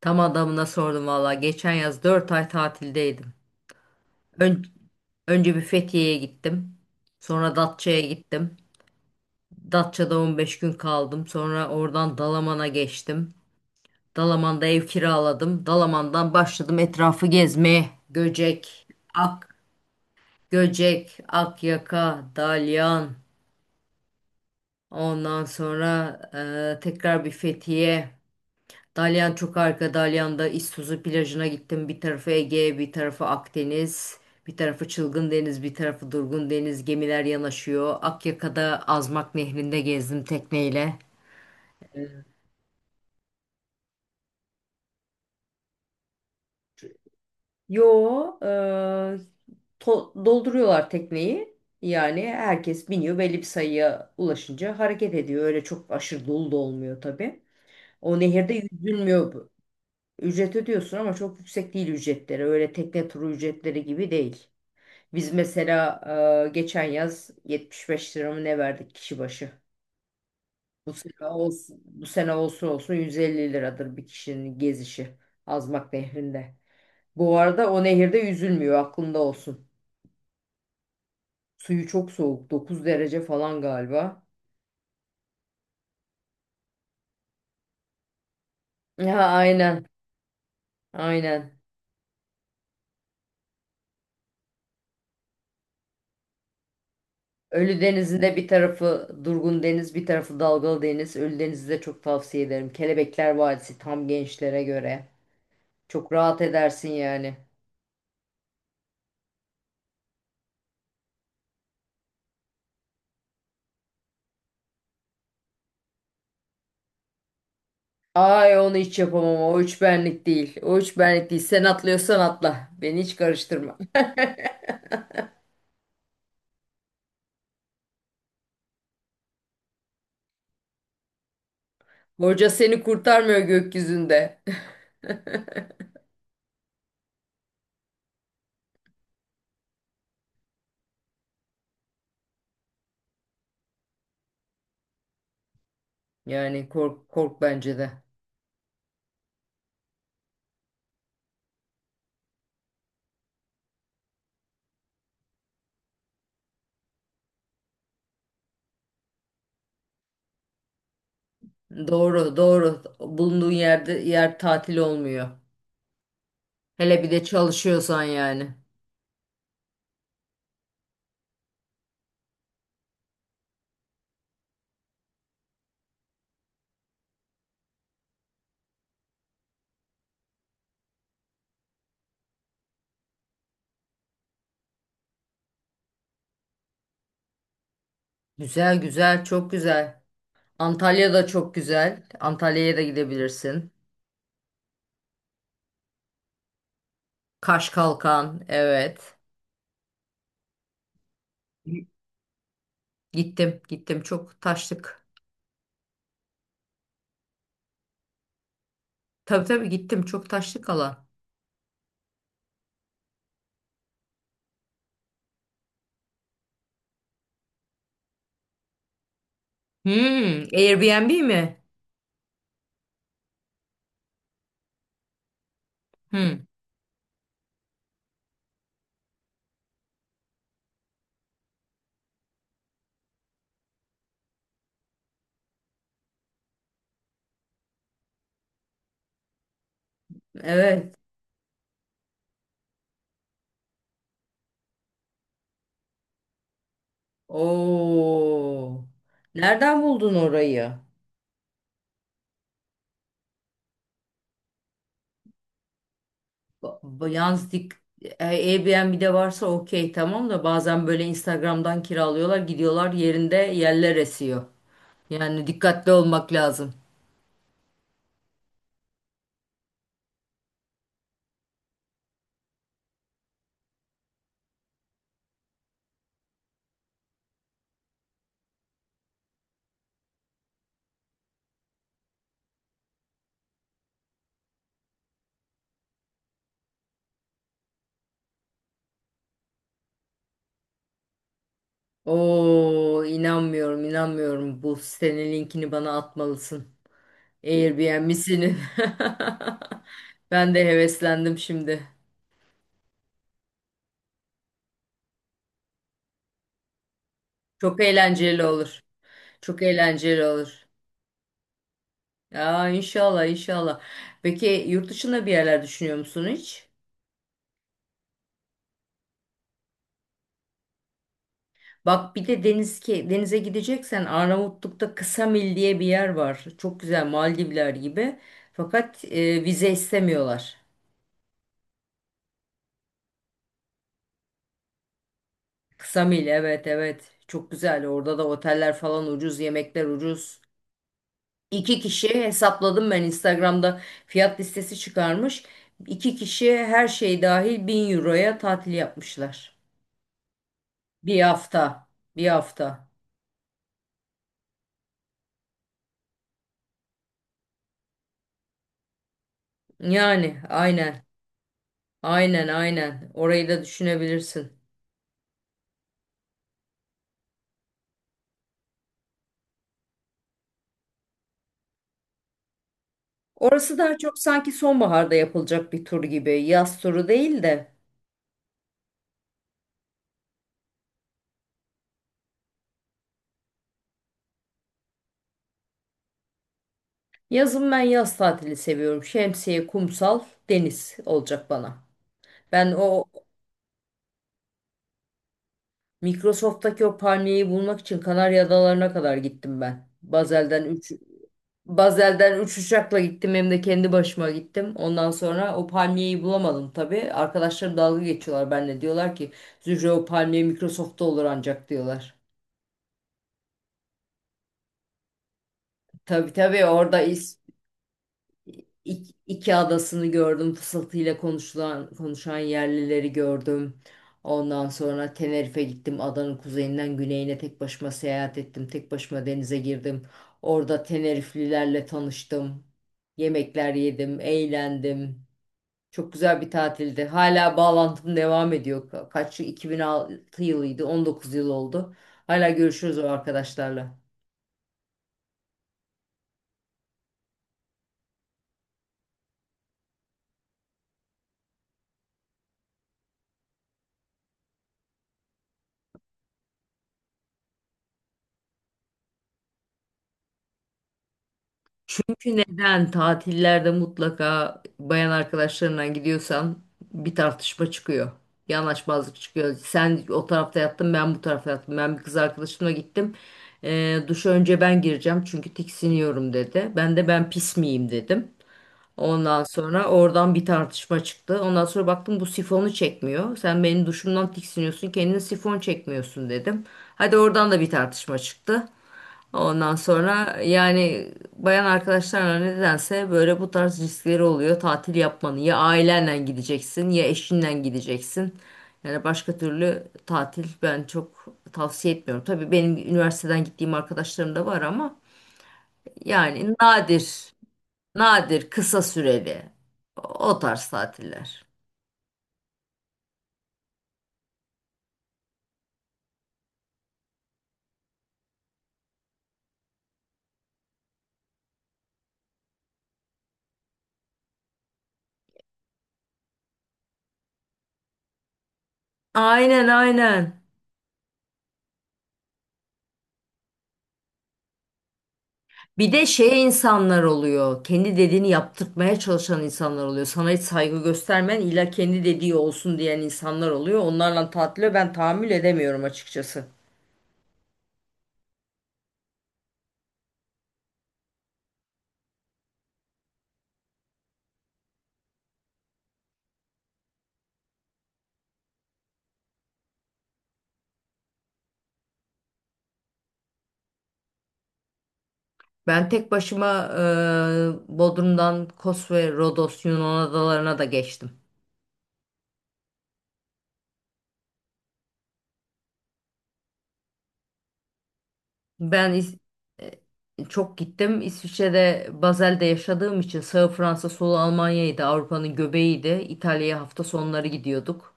Tam adamına sordum valla. Geçen yaz 4 ay tatildeydim. Ön- Önce bir Fethiye'ye gittim. Sonra Datça'ya gittim. Datça'da 15 gün kaldım. Sonra oradan Dalaman'a geçtim. Dalaman'da ev kiraladım. Dalaman'dan başladım etrafı gezmeye. Göcek, Ak, Göcek, Akyaka, Dalyan. Ondan sonra tekrar bir Fethiye. Dalyan çok arka. Dalyan'da İztuzu plajına gittim. Bir tarafı Ege, bir tarafı Akdeniz, bir tarafı Çılgın Deniz, bir tarafı Durgun Deniz. Gemiler yanaşıyor. Akyaka'da Azmak Nehri'nde gezdim tekneyle. Yo, e, dolduruyorlar tekneyi. Yani herkes biniyor, belli bir sayıya ulaşınca hareket ediyor. Öyle çok aşırı dolu da olmuyor tabii. O nehirde yüzülmüyor bu. Ücret ödüyorsun ama çok yüksek değil ücretleri. Öyle tekne turu ücretleri gibi değil. Biz mesela geçen yaz 75 lira mı ne verdik kişi başı. Bu sene olsun, bu sene olsun 150 liradır bir kişinin gezişi Azmak Nehri'nde. Bu arada o nehirde yüzülmüyor, aklında olsun. Suyu çok soğuk, 9 derece falan galiba. Ha, aynen, aynen. Ölü Denizi'nde bir tarafı durgun deniz, bir tarafı dalgalı deniz. Ölü Deniz'i de çok tavsiye ederim. Kelebekler Vadisi tam gençlere göre. Çok rahat edersin yani. Ay, onu hiç yapamam. O üç benlik değil. O üç benlik değil. Sen atlıyorsan atla. Beni hiç karıştırma. Hoca seni kurtarmıyor gökyüzünde. Yani kork kork bence de. Doğru, doğru. Bulunduğun yerde yer tatil olmuyor. Hele bir de çalışıyorsan yani. Güzel, güzel, çok güzel. Antalya da çok güzel. Antalya'ya da gidebilirsin. Kaş Kalkan, evet. Gittim, gittim. Çok taşlık. Tabii tabii gittim. Çok taşlık alan. Hmm, Airbnb mi? Hmm. Evet. Oo. Nereden buldun orayı? Yalnız Airbnb'de varsa okey, tamam da bazen böyle Instagram'dan kiralıyorlar, gidiyorlar yerinde yerler esiyor. Yani dikkatli olmak lazım. Oo, inanmıyorum, inanmıyorum. Bu sitenin linkini bana atmalısın. Airbnb'sini. Ben de heveslendim şimdi. Çok eğlenceli olur. Çok eğlenceli olur. Ya inşallah inşallah. Peki yurt dışında bir yerler düşünüyor musun hiç? Bak bir de deniz, ki denize gideceksen Arnavutluk'ta Ksamil diye bir yer var. Çok güzel, Maldivler gibi. Fakat vize istemiyorlar. Ksamil, evet evet. Çok güzel. Orada da oteller falan ucuz, yemekler ucuz. İki kişi hesapladım, ben Instagram'da fiyat listesi çıkarmış. İki kişi her şey dahil 1.000 euroya tatil yapmışlar. Bir hafta. Bir hafta. Yani aynen. Aynen aynen. Orayı da düşünebilirsin. Orası daha çok sanki sonbaharda yapılacak bir tur gibi. Yaz turu değil de. Yazın ben yaz tatili seviyorum. Şemsiye, kumsal, deniz olacak bana. Ben o Microsoft'taki o palmiyeyi bulmak için Kanarya Adaları'na kadar gittim ben. Bazel'den 3 uçakla gittim, hem de kendi başıma gittim. Ondan sonra o palmiyeyi bulamadım tabii. Arkadaşlarım dalga geçiyorlar benimle. Diyorlar ki Zühre, o palmiye Microsoft'ta olur ancak diyorlar. Tabii tabii orada iki adasını gördüm. Fısıltıyla konuşulan, konuşan yerlileri gördüm. Ondan sonra Tenerife'ye gittim. Adanın kuzeyinden güneyine tek başıma seyahat ettim. Tek başıma denize girdim. Orada Teneriflilerle tanıştım. Yemekler yedim, eğlendim. Çok güzel bir tatildi. Hala bağlantım devam ediyor. Kaç yıl? 2006 yılıydı. 19 yıl oldu. Hala görüşürüz o arkadaşlarla. Çünkü neden, tatillerde mutlaka bayan arkadaşlarına gidiyorsan bir tartışma çıkıyor. Bir anlaşmazlık çıkıyor. Sen o tarafta yattın, ben bu tarafta yattım. Ben bir kız arkadaşımla gittim. Duşa önce ben gireceğim çünkü tiksiniyorum dedi. Ben de ben pis miyim dedim. Ondan sonra oradan bir tartışma çıktı. Ondan sonra baktım bu sifonu çekmiyor. Sen benim duşumdan tiksiniyorsun, kendine sifon çekmiyorsun dedim. Hadi oradan da bir tartışma çıktı. Ondan sonra yani bayan arkadaşlarla nedense böyle bu tarz riskleri oluyor. Tatil yapmanın ya ailenle gideceksin ya eşinle gideceksin. Yani başka türlü tatil ben çok tavsiye etmiyorum. Tabii benim üniversiteden gittiğim arkadaşlarım da var ama yani nadir. Nadir, kısa süreli. O tarz tatiller. Aynen aynen. Bir de şey insanlar oluyor. Kendi dediğini yaptırtmaya çalışan insanlar oluyor. Sana hiç saygı göstermeyen, illa kendi dediği olsun diyen insanlar oluyor. Onlarla tatile ben tahammül edemiyorum açıkçası. Ben tek başıma Bodrum'dan Kos ve Rodos Yunan adalarına da geçtim. Ben İs- Çok gittim. İsviçre'de Basel'de yaşadığım için sağ Fransa, solu Almanya'ydı. Avrupa'nın göbeğiydi. İtalya'ya hafta sonları gidiyorduk.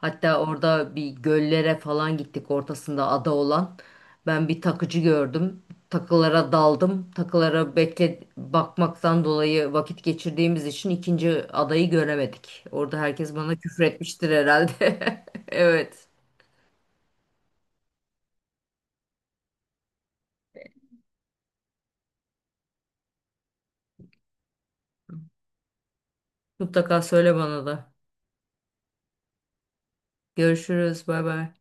Hatta orada bir göllere falan gittik, ortasında ada olan. Ben bir takıcı gördüm. Takılara daldım. Takılara bekle bakmaktan dolayı vakit geçirdiğimiz için ikinci adayı göremedik. Orada herkes bana küfür etmiştir herhalde. Evet. Mutlaka söyle bana da. Görüşürüz. Bay bay.